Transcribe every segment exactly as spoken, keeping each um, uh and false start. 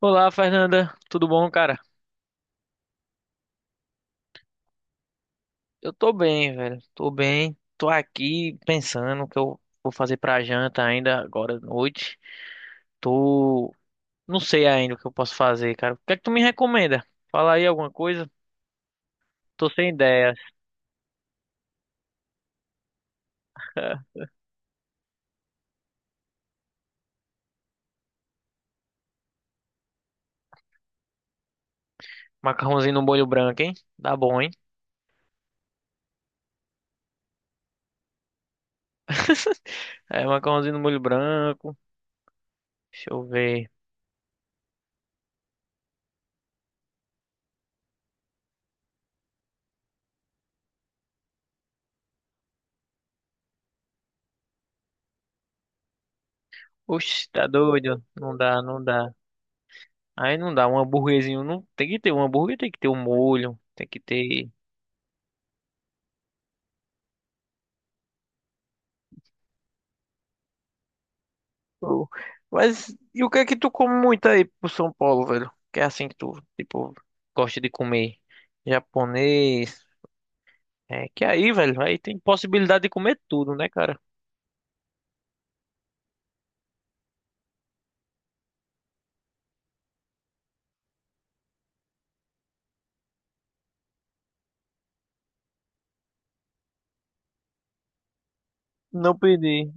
Olá, Fernanda. Tudo bom, cara? Eu tô bem, velho. Tô bem. Tô aqui pensando o que eu vou fazer pra janta ainda agora à noite. Tô. Não sei ainda o que eu posso fazer, cara. O que é que tu me recomenda? Fala aí alguma coisa. Tô sem ideia. Macarrãozinho no molho branco, hein? Dá bom, hein? É, macarrãozinho no molho branco. Deixa eu ver. Oxe, tá doido? Não dá, não dá. Aí não dá. Um hambúrguerzinho. Não, tem que ter um hambúrguer, tem que ter um molho. Tem que ter. Pô. Mas e o que é que tu come muito aí pro São Paulo, velho? Que é assim que tu, tipo, gosta de comer japonês. É que aí, velho, aí tem possibilidade de comer tudo, né, cara? Não pedi.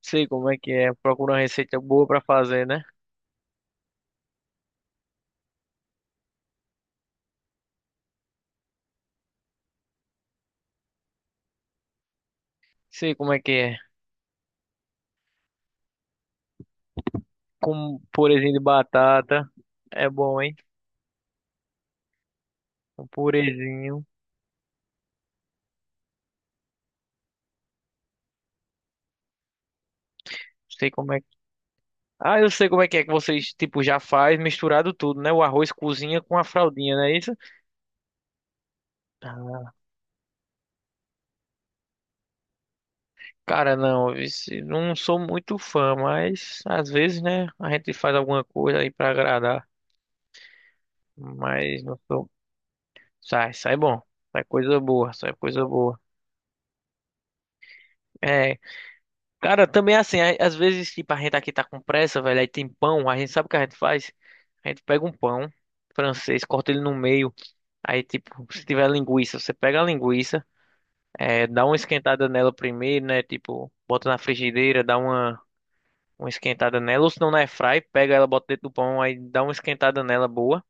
Sei como é que é. Procura uma receita boa pra fazer, né? Sei como é que é. Com purezinho de batata. É bom, hein? Um purezinho. Sei como é que... Ah, eu sei como é que é que vocês, tipo, já faz misturado tudo, né? O arroz cozinha com a fraldinha, não é isso? Cara, não, esse- não sou muito fã, mas às vezes, né, a gente faz alguma coisa aí pra agradar, mas não sou. Sai, sai bom, sai coisa boa, sai coisa boa. É, cara, também é assim, a- às vezes, tipo, a gente aqui tá com pressa, velho, aí tem pão, a gente sabe o que a gente faz? A gente pega um pão francês, corta ele no meio, aí, tipo, se tiver linguiça, você pega a linguiça, é, dá uma esquentada nela primeiro, né, tipo, bota na frigideira, dá uma uma esquentada nela, ou se não na airfry, pega ela, bota dentro do pão, aí dá uma esquentada nela boa,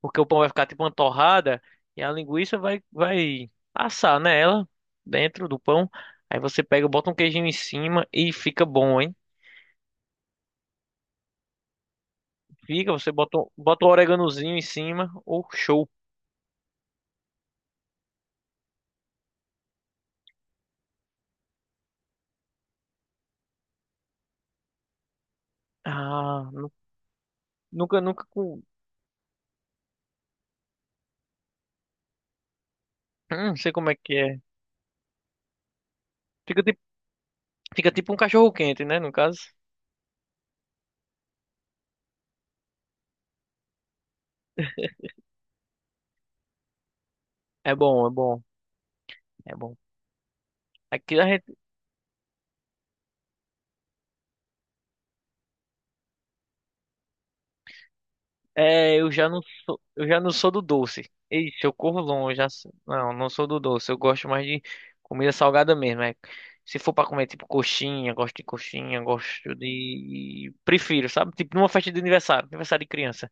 porque o pão vai ficar tipo uma torrada e a linguiça vai vai assar nela dentro do pão. Aí você pega, bota um queijinho em cima e fica bom, hein? Fica, você bota um- bota um oreganozinho em cima, ou show. Ah, nunca nunca com, hum, não sei como é que é. Fica tipo, fica tipo um cachorro quente, né, no caso. É bom, é bom, é bom. Aqui a gente... É, eu já não sou, eu já não sou do doce. Ixi, eu corro longe. já s- Não, não sou do doce. Eu gosto mais de comida salgada mesmo. É. Se for pra comer, tipo, coxinha, gosto de coxinha, gosto de... prefiro, sabe? Tipo, numa festa de aniversário, aniversário de criança.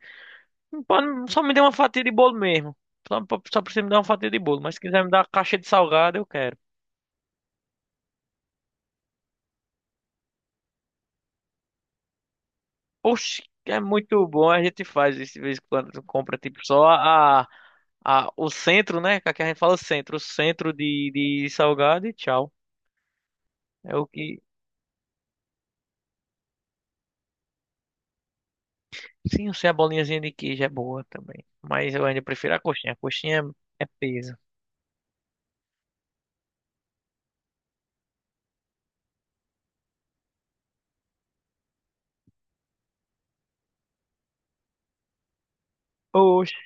Não Pode- Só me dê uma fatia de bolo mesmo. Só, só precisa me dar uma fatia de bolo. Mas se quiser me dar uma caixa de salgado, eu quero. Oxe, é muito bom. A gente faz isso de vez em quando. Tu Compra tipo só a, a, o centro, né? Que aqui a gente fala centro. O centro de, de salgado e tchau. É o que. Sim, eu sei a bolinhazinha de queijo é boa também. Mas eu ainda prefiro a coxinha. A coxinha é, é peso. Oxe,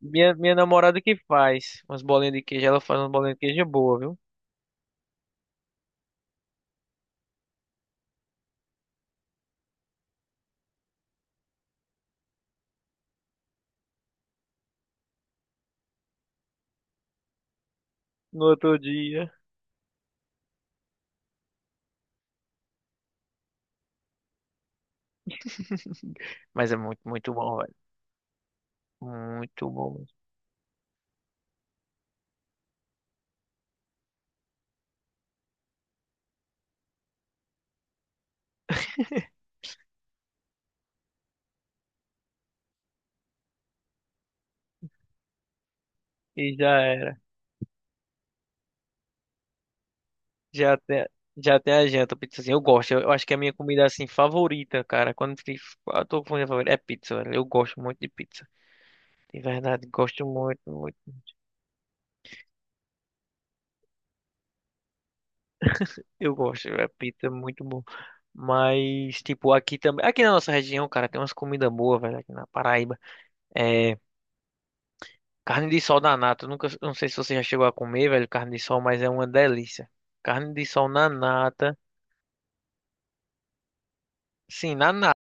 minha, minha namorada que faz umas bolinhas de queijo. Ela faz umas bolinhas de queijo boa, viu? No outro dia. Mas é muito, muito bom, velho. Muito bom mesmo. E já é. Já tem, já tem a janta, pizzazinha. Eu gosto. Eu, eu acho que é a minha comida assim favorita, cara. Quando eu fico- eu tô com a minha favorita, é pizza, velho. Eu gosto muito de pizza. De verdade, gosto muito, muito. Eu gosto, é pizza é muito bom. Mas, tipo, aqui também. Aqui na nossa região, cara, tem umas comidas boas, velho, aqui na Paraíba. É. Carne de sol na nata. Eu Nunca, eu não sei se você já chegou a comer, velho, carne de sol, mas é uma delícia. Carne de sol na nata. Sim, na nata.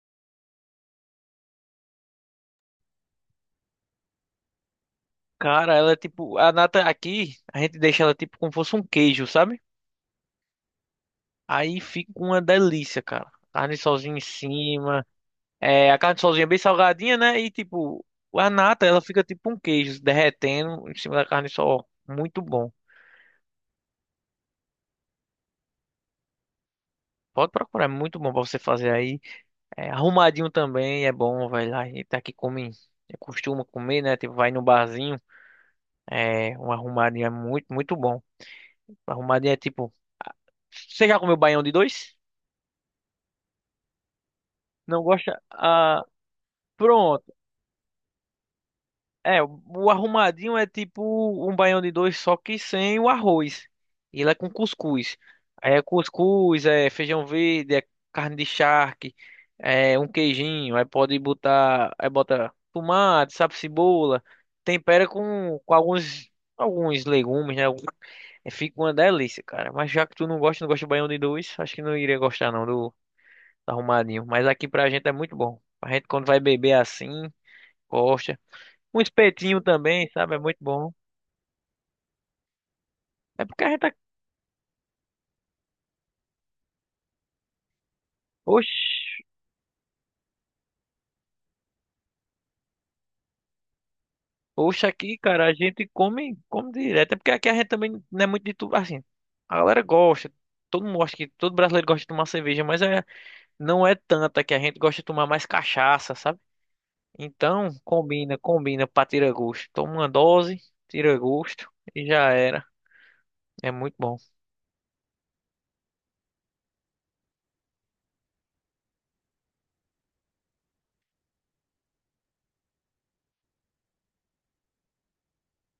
Cara, ela é tipo. A nata aqui, a gente deixa ela tipo como fosse um queijo, sabe? Aí fica uma delícia, cara. Carne sozinha em cima. É, a carne sozinha é bem salgadinha, né? E tipo, a nata, ela fica tipo um queijo derretendo em cima da carne sol. Muito bom. Pode procurar, é muito bom pra você fazer aí. É, arrumadinho também é bom, vai lá. A gente tá aqui come, é, costuma comer, né? Tipo, vai no barzinho. É, um arrumadinho é muito, muito bom. Arrumadinho é tipo. Você já comeu baião de dois? Não gosta? Ah, pronto. É, o o arrumadinho é tipo um baião de dois, só que sem o arroz. E ele é com cuscuz. Aí é cuscuz, é feijão verde, é carne de charque, é um queijinho. Aí pode botar, aí bota tomate, sabe, cebola. Tempera com, com alguns, alguns legumes, né? É, fica uma delícia, cara. Mas já que tu não gosta, não gosta de baião de dois, acho que não iria gostar não do, do arrumadinho. Mas aqui pra gente é muito bom. A gente quando vai beber assim, gosta. Um espetinho também, sabe? É muito bom. É porque a gente. Tá- Oxe, oxe, aqui, cara, a gente come, come direto. É porque aqui a gente também não é muito de tudo. Assim, a galera gosta. Todo mundo acha que todo brasileiro gosta de tomar cerveja, mas é, não é tanta que a gente gosta de tomar mais cachaça, sabe? Então, combina, combina pra tirar gosto. Toma uma dose, tira gosto e já era. É muito bom.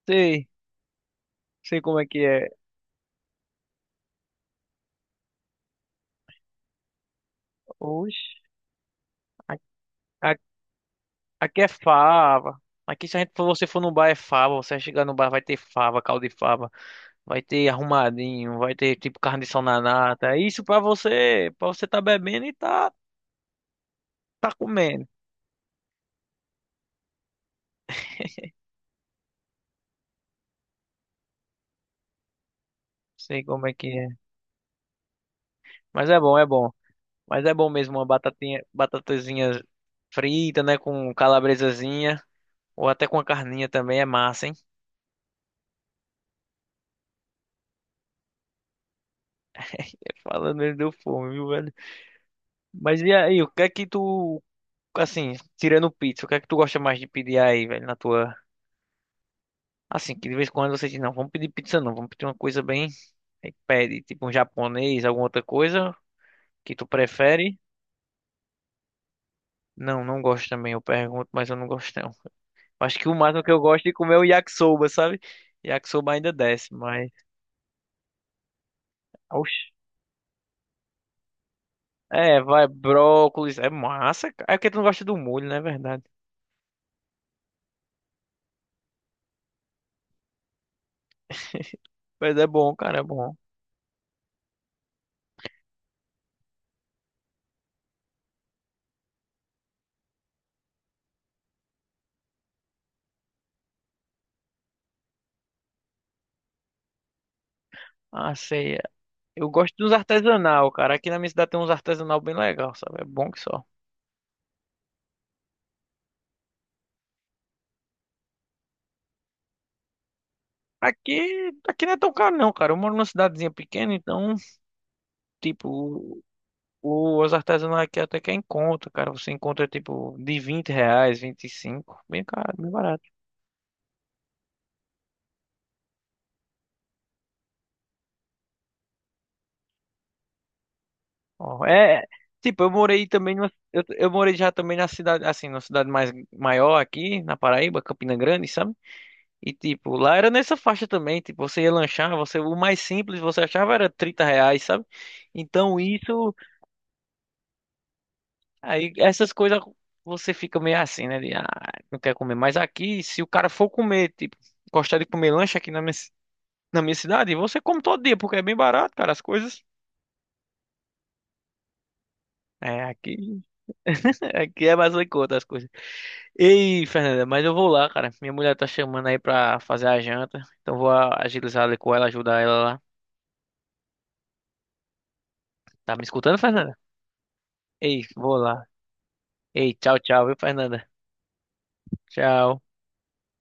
Sei, sei como é que é. Oxe, a- Aqui é fava. Aqui se a gente, for- você for no bar é fava. Você chegar no bar vai ter fava, caldo de fava, vai ter arrumadinho, vai ter tipo carne de sol na nata. Isso pra você, para você tá bebendo e tá tá comendo. Sei como é que é. Mas é bom, é bom. Mas é bom mesmo uma batatinha, batatazinha frita, né, com calabresazinha ou até com a carninha também é massa, hein? Falando, ele deu fome, viu, velho? Mas e aí, o que é que tu assim, tirando pizza, o que é que tu gosta mais de pedir aí, velho, na tua... Assim, que de vez em quando você diz, não, vamos pedir pizza não, vamos pedir uma coisa bem. Aí pede, tipo um japonês, alguma outra coisa que tu prefere. Não, não gosto também, eu pergunto, mas eu não gosto não. Acho que o máximo que eu gosto de comer é o yakisoba, sabe? Yakisoba ainda desce, mas. Oxi. É, vai, brócolis, é massa, cara. É porque tu não gosta do molho, não é verdade? Mas é bom, cara, é bom. Ah, sei. É, eu gosto dos artesanal, cara. Aqui na minha cidade tem uns artesanal bem legal, sabe? É bom que só. Aqui, aqui não é tão caro não, cara. Eu moro numa cidadezinha pequena, então... tipo, o- os artesanais aqui até que encontra, cara. Você encontra, tipo, de vinte reais, vinte e cinco, bem caro, bem barato. Ó, é, tipo, eu morei também numa, eu, eu morei já também na cidade, assim, na cidade mais maior aqui, na Paraíba, Campina Grande, sabe? E, tipo, lá era nessa faixa também. Tipo, você ia lanchar, você, o mais simples você achava era trinta reais, sabe? Então, isso, aí, essas coisas, você fica meio assim, né? De, ah, não quer comer. Mas aqui, se o cara for comer, tipo, gostar de comer lanche aqui na minha, na minha cidade, você come todo dia, porque é bem barato, cara, as coisas. É, aqui, aqui é mais em conta as coisas. Ei, Fernanda, mas eu vou lá, cara. Minha mulher tá chamando aí pra fazer a janta. Então vou a- agilizar ali com ela, ajudar ela lá. Tá me escutando, Fernanda? Ei, vou lá. Ei, tchau, tchau, viu, Fernanda? Tchau.